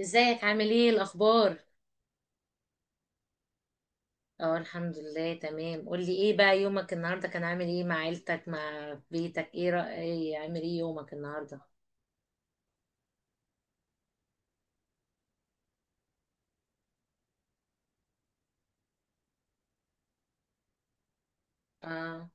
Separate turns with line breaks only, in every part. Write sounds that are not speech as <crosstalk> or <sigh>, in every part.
ازيك؟ عامل ايه؟ الاخبار؟ اه، الحمد لله تمام. قولي ايه بقى، يومك النهارده كان عامل ايه؟ مع عيلتك، مع بيتك، ايه رأي ايه عامل ايه يومك النهارده؟ اه،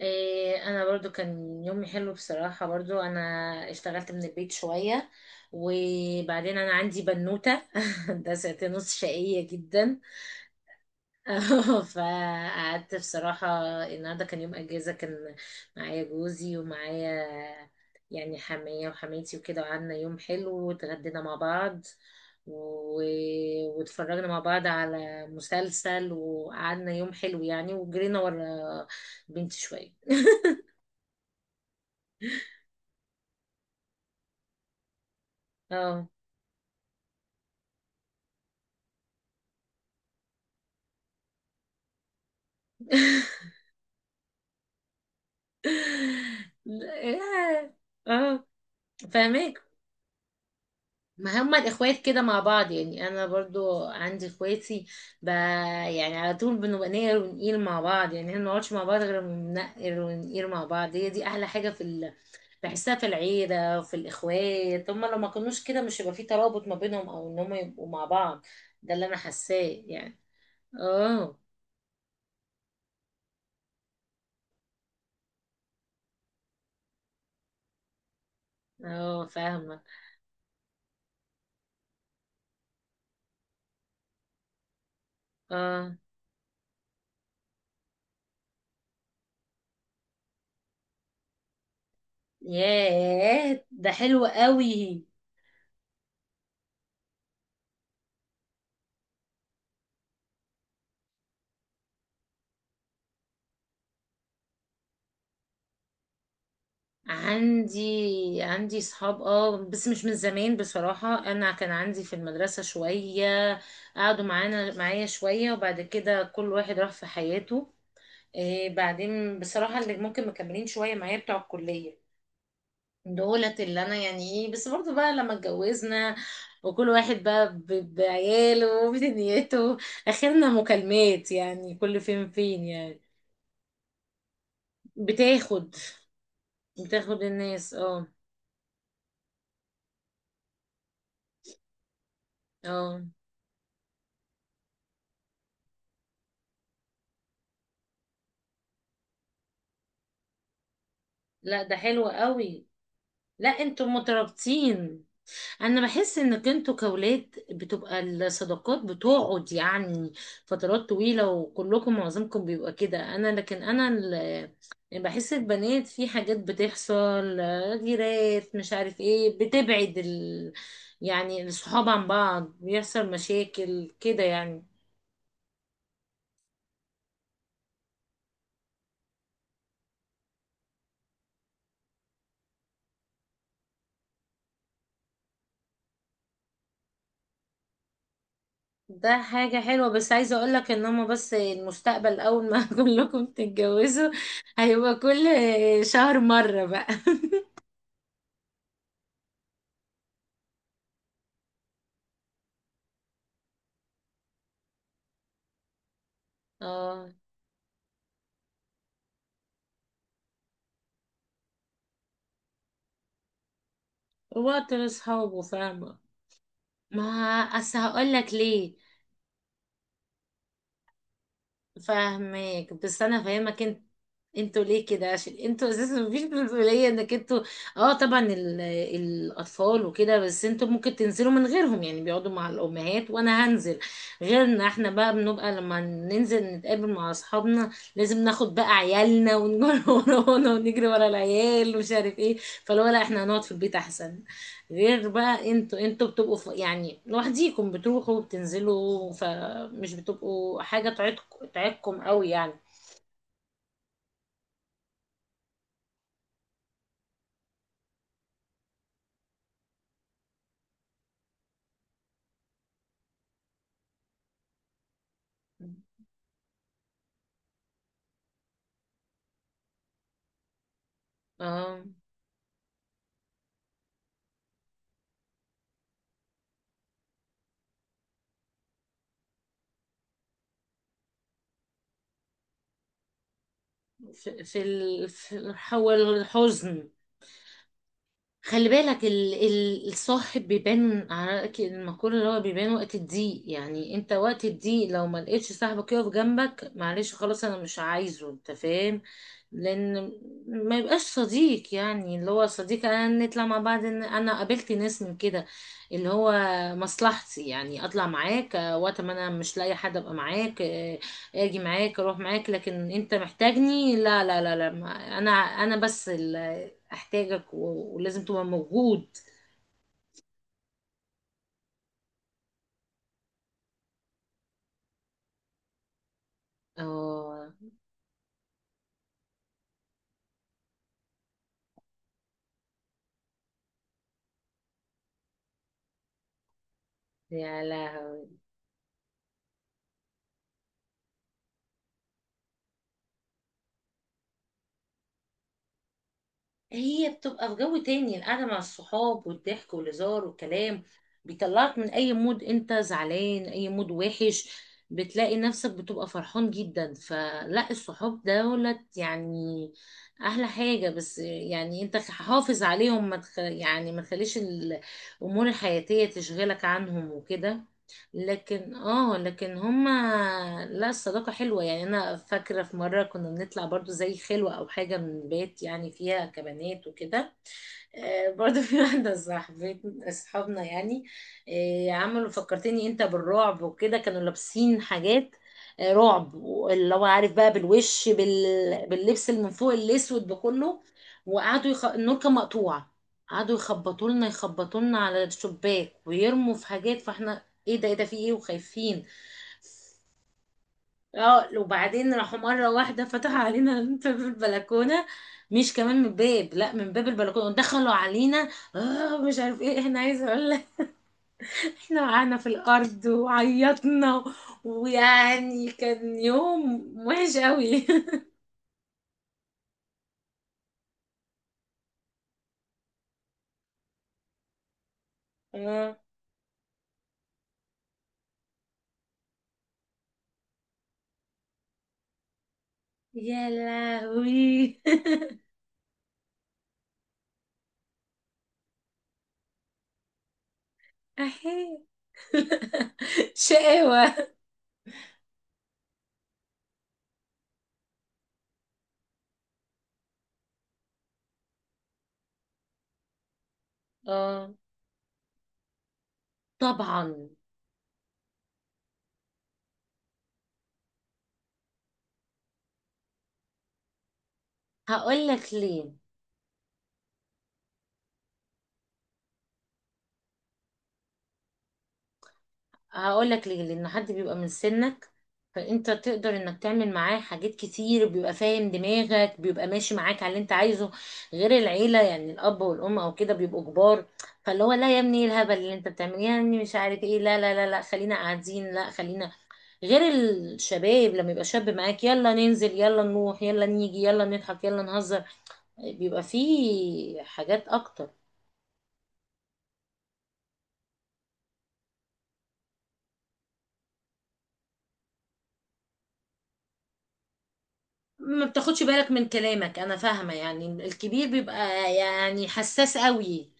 إيه، انا برضو كان يومي حلو بصراحة. برضو انا اشتغلت من البيت شوية، وبعدين انا عندي بنوتة <laughs> ده ساعتين ونص، شقية جدا. اه <laughs> فقعدت بصراحة. النهاردة كان يوم أجازة، كان معايا جوزي ومعايا يعني حماية وحماتي وكده، وقعدنا يوم حلو واتغدينا مع بعض و... واتفرجنا مع بعض على مسلسل، وقعدنا يوم حلو يعني، وجرينا ورا بنتي شوية. اه <laughs> لا، اه، فاهمك. ما هما الاخوات كده مع بعض يعني، انا برضو عندي اخواتي يعني على طول بنبقى نقر ونقيل مع بعض، يعني احنا ما بنقعدش مع بعض غير لما بنقر ونقيل مع بعض. هي دي احلى حاجه بحسها في العيله وفي الاخوات. هما لو ما كانوش كده مش هيبقى في ترابط ما بينهم، او ان هما يبقوا مع بعض. ده اللي انا حاساه يعني. اه، اه، فاهمه. اه، ياه، ده حلو قوي. عندي صحاب، اه، بس مش من زمان بصراحة. انا كان عندي في المدرسة شوية، قعدوا معايا شوية، وبعد كده كل واحد راح في حياته. إيه، بعدين بصراحة اللي ممكن مكملين شوية معايا بتوع الكلية، دولت اللي انا يعني ايه، بس برضو بقى لما اتجوزنا، وكل واحد بقى بعياله وبدنيته، اخرنا مكالمات يعني، كل فين فين يعني. بتاخد بتاخد الناس، اه، اه. لا، ده حلو قوي. لا، انتوا مترابطين. انا بحس انك انتوا كولاد بتبقى الصداقات بتقعد يعني فترات طويلة، وكلكم معظمكم بيبقى كده. انا، لكن انا يعني بحس البنات في حاجات بتحصل، غيرات مش عارف ايه، بتبعد يعني الصحاب عن بعض، بيحصل مشاكل كده يعني. ده حاجة حلوة، بس عايزة اقولك ان هما بس المستقبل، اول ما <laughs> كلكم تتجوزوا هيبقى كل شهر مرة بقى. اه، وقت لاصحابه، فاهمة. ما اصل هقول لك ليه. فاهمك، بس انا فاهمك انت. انتوا ليه كده؟ عشان انتوا اساسا مفيش مسؤولية، انك انتوا اه طبعا الاطفال وكده، بس انتوا ممكن تنزلوا من غيرهم، يعني بيقعدوا مع الامهات. وانا هنزل، غير ان احنا بقى بنبقى لما ننزل نتقابل مع اصحابنا لازم ناخد بقى عيالنا، ونجري <laughs> ورانا، ونجري ورا العيال ومش عارف ايه. فلو لا، احنا هنقعد في البيت احسن. غير بقى، انتوا بتبقوا يعني لوحديكم بتروحوا وبتنزلوا، فمش بتبقوا حاجة تعيدكم تعيدكم قوي يعني. اه، في الحول الحزن. خلي بالك، الصاحب بيبان. عارف المقولة اللي هو بيبان وقت الضيق؟ يعني انت وقت الضيق لو ما لقيتش صاحبك يقف جنبك، معلش، خلاص، انا مش عايزه. انت فاهم؟ لان ما يبقاش صديق، يعني اللي هو صديق. انا نطلع مع بعض، انا قابلت ناس من كده اللي هو مصلحتي، يعني اطلع معاك آه، وقت ما انا مش لاقي حد ابقى معاك آه، اجي معاك، اروح معاك، لكن انت محتاجني؟ لا لا لا لا، انا بس احتاجك، ولازم تبقى موجود. اه، يا لهوي. هي بتبقى في جو تاني، القعده مع الصحاب والضحك والهزار والكلام بيطلعك من اي مود انت زعلان، اي مود وحش، بتلاقي نفسك بتبقى فرحان جدا. فلا، الصحاب دولت يعني احلى حاجه. بس يعني انت حافظ عليهم، ما تخ... يعني ما تخليش الامور الحياتيه تشغلك عنهم وكده. لكن اه، لكن هما، لا، الصداقة حلوة يعني. انا فاكرة في مرة كنا بنطلع برضو زي خلوة او حاجة من بيت، يعني فيها كبنات وكده. آه، برضه في واحدة صاحبت صحابنا، يعني آه، عملوا فكرتني انت بالرعب، وكده كانوا لابسين حاجات آه، رعب. اللي هو عارف بقى بالوش، باللبس اللي من فوق الاسود بكله. وقعدوا النور كان مقطوع، قعدوا يخبطوا لنا، يخبطوا لنا على الشباك، ويرموا في حاجات. فاحنا، ايه ده، ايه ده، في ايه، وخايفين. اه، وبعدين راحوا مرة واحدة فتحوا علينا <laughs> باب البلكونة. مش كمان من الباب، لا، من باب البلكونة دخلوا علينا. اه، مش عارف ايه، احنا عايزة اقول لك، <laughs> احنا وقعنا في الارض وعيطنا. ويعني كان يوم وحش قوي. <laughs> اه، يا لهوي. <laughs> احي، شقاوة. اه، طبعا. هقول لك ليه، هقول لك ليه. لان حد بيبقى من سنك، فانت تقدر انك تعمل معاه حاجات كتير، بيبقى فاهم دماغك، بيبقى ماشي معاك على اللي انت عايزه. غير العيله، يعني الاب والام او كده بيبقوا كبار. فاللي هو لا، يا ابني ايه الهبل اللي انت بتعمليه يا ابني، مش عارف ايه، لا لا لا لا، خلينا قاعدين، لا، خلينا. غير الشباب، لما يبقى شاب معاك، يلا ننزل، يلا نروح، يلا نيجي، يلا نضحك، يلا نهزر، بيبقى فيه حاجات اكتر. ما بتاخدش بالك من كلامك. انا فاهمة، يعني الكبير بيبقى يعني حساس قوي.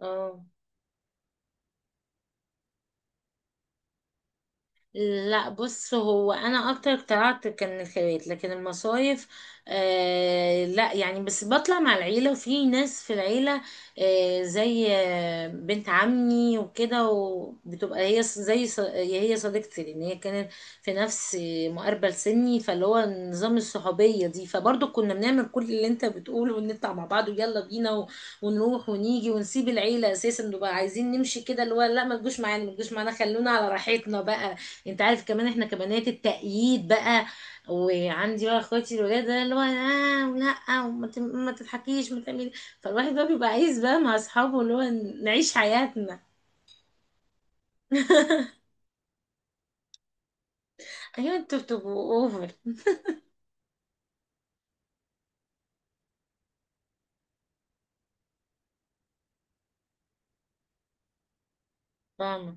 اه، لا، بص، هو انا اكتر اقتنعت كان الخيرات لكن المصايف، آه لا، يعني بس بطلع مع العيله، وفي ناس في العيله آه، زي آه، بنت عمي وكده، وبتبقى هي، هي صديقتي، لان هي كانت في نفس مقاربه لسني. فاللي هو نظام الصحوبيه دي، فبرضه كنا بنعمل كل اللي انت بتقوله، ونطلع مع بعض ويلا بينا، ونروح ونيجي ونسيب العيله اساسا، نبقى عايزين نمشي كده، اللي هو لا، ما تجوش معانا، ما تجوش معانا، خلونا على راحتنا بقى. انت عارف كمان احنا كبنات التأييد بقى، وعندي بقى اخواتي الولاد، ده اللي هو اه، ولا، ما تضحكيش ما تعملي. فالواحد بقى بيبقى عايز بقى مع اصحابه، اللي هو نعيش حياتنا. ايوه، انتوا بتبقوا اوفر. فاهمة.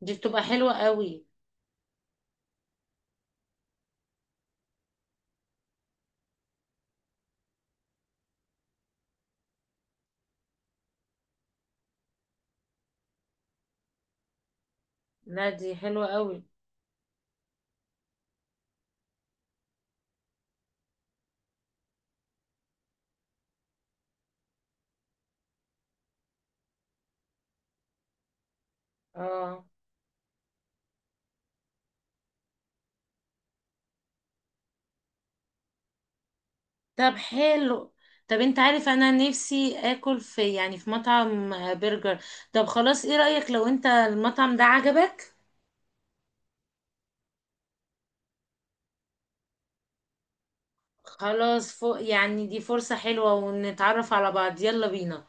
دي بتبقى حلوة قوي. لا، دي حلوة قوي. اه، طب حلو. طب انت عارف انا نفسي اكل في، في مطعم آه، برجر. طب خلاص، ايه رأيك لو انت المطعم ده عجبك؟ خلاص، فوق يعني، دي فرصة حلوة ونتعرف على بعض. يلا بينا.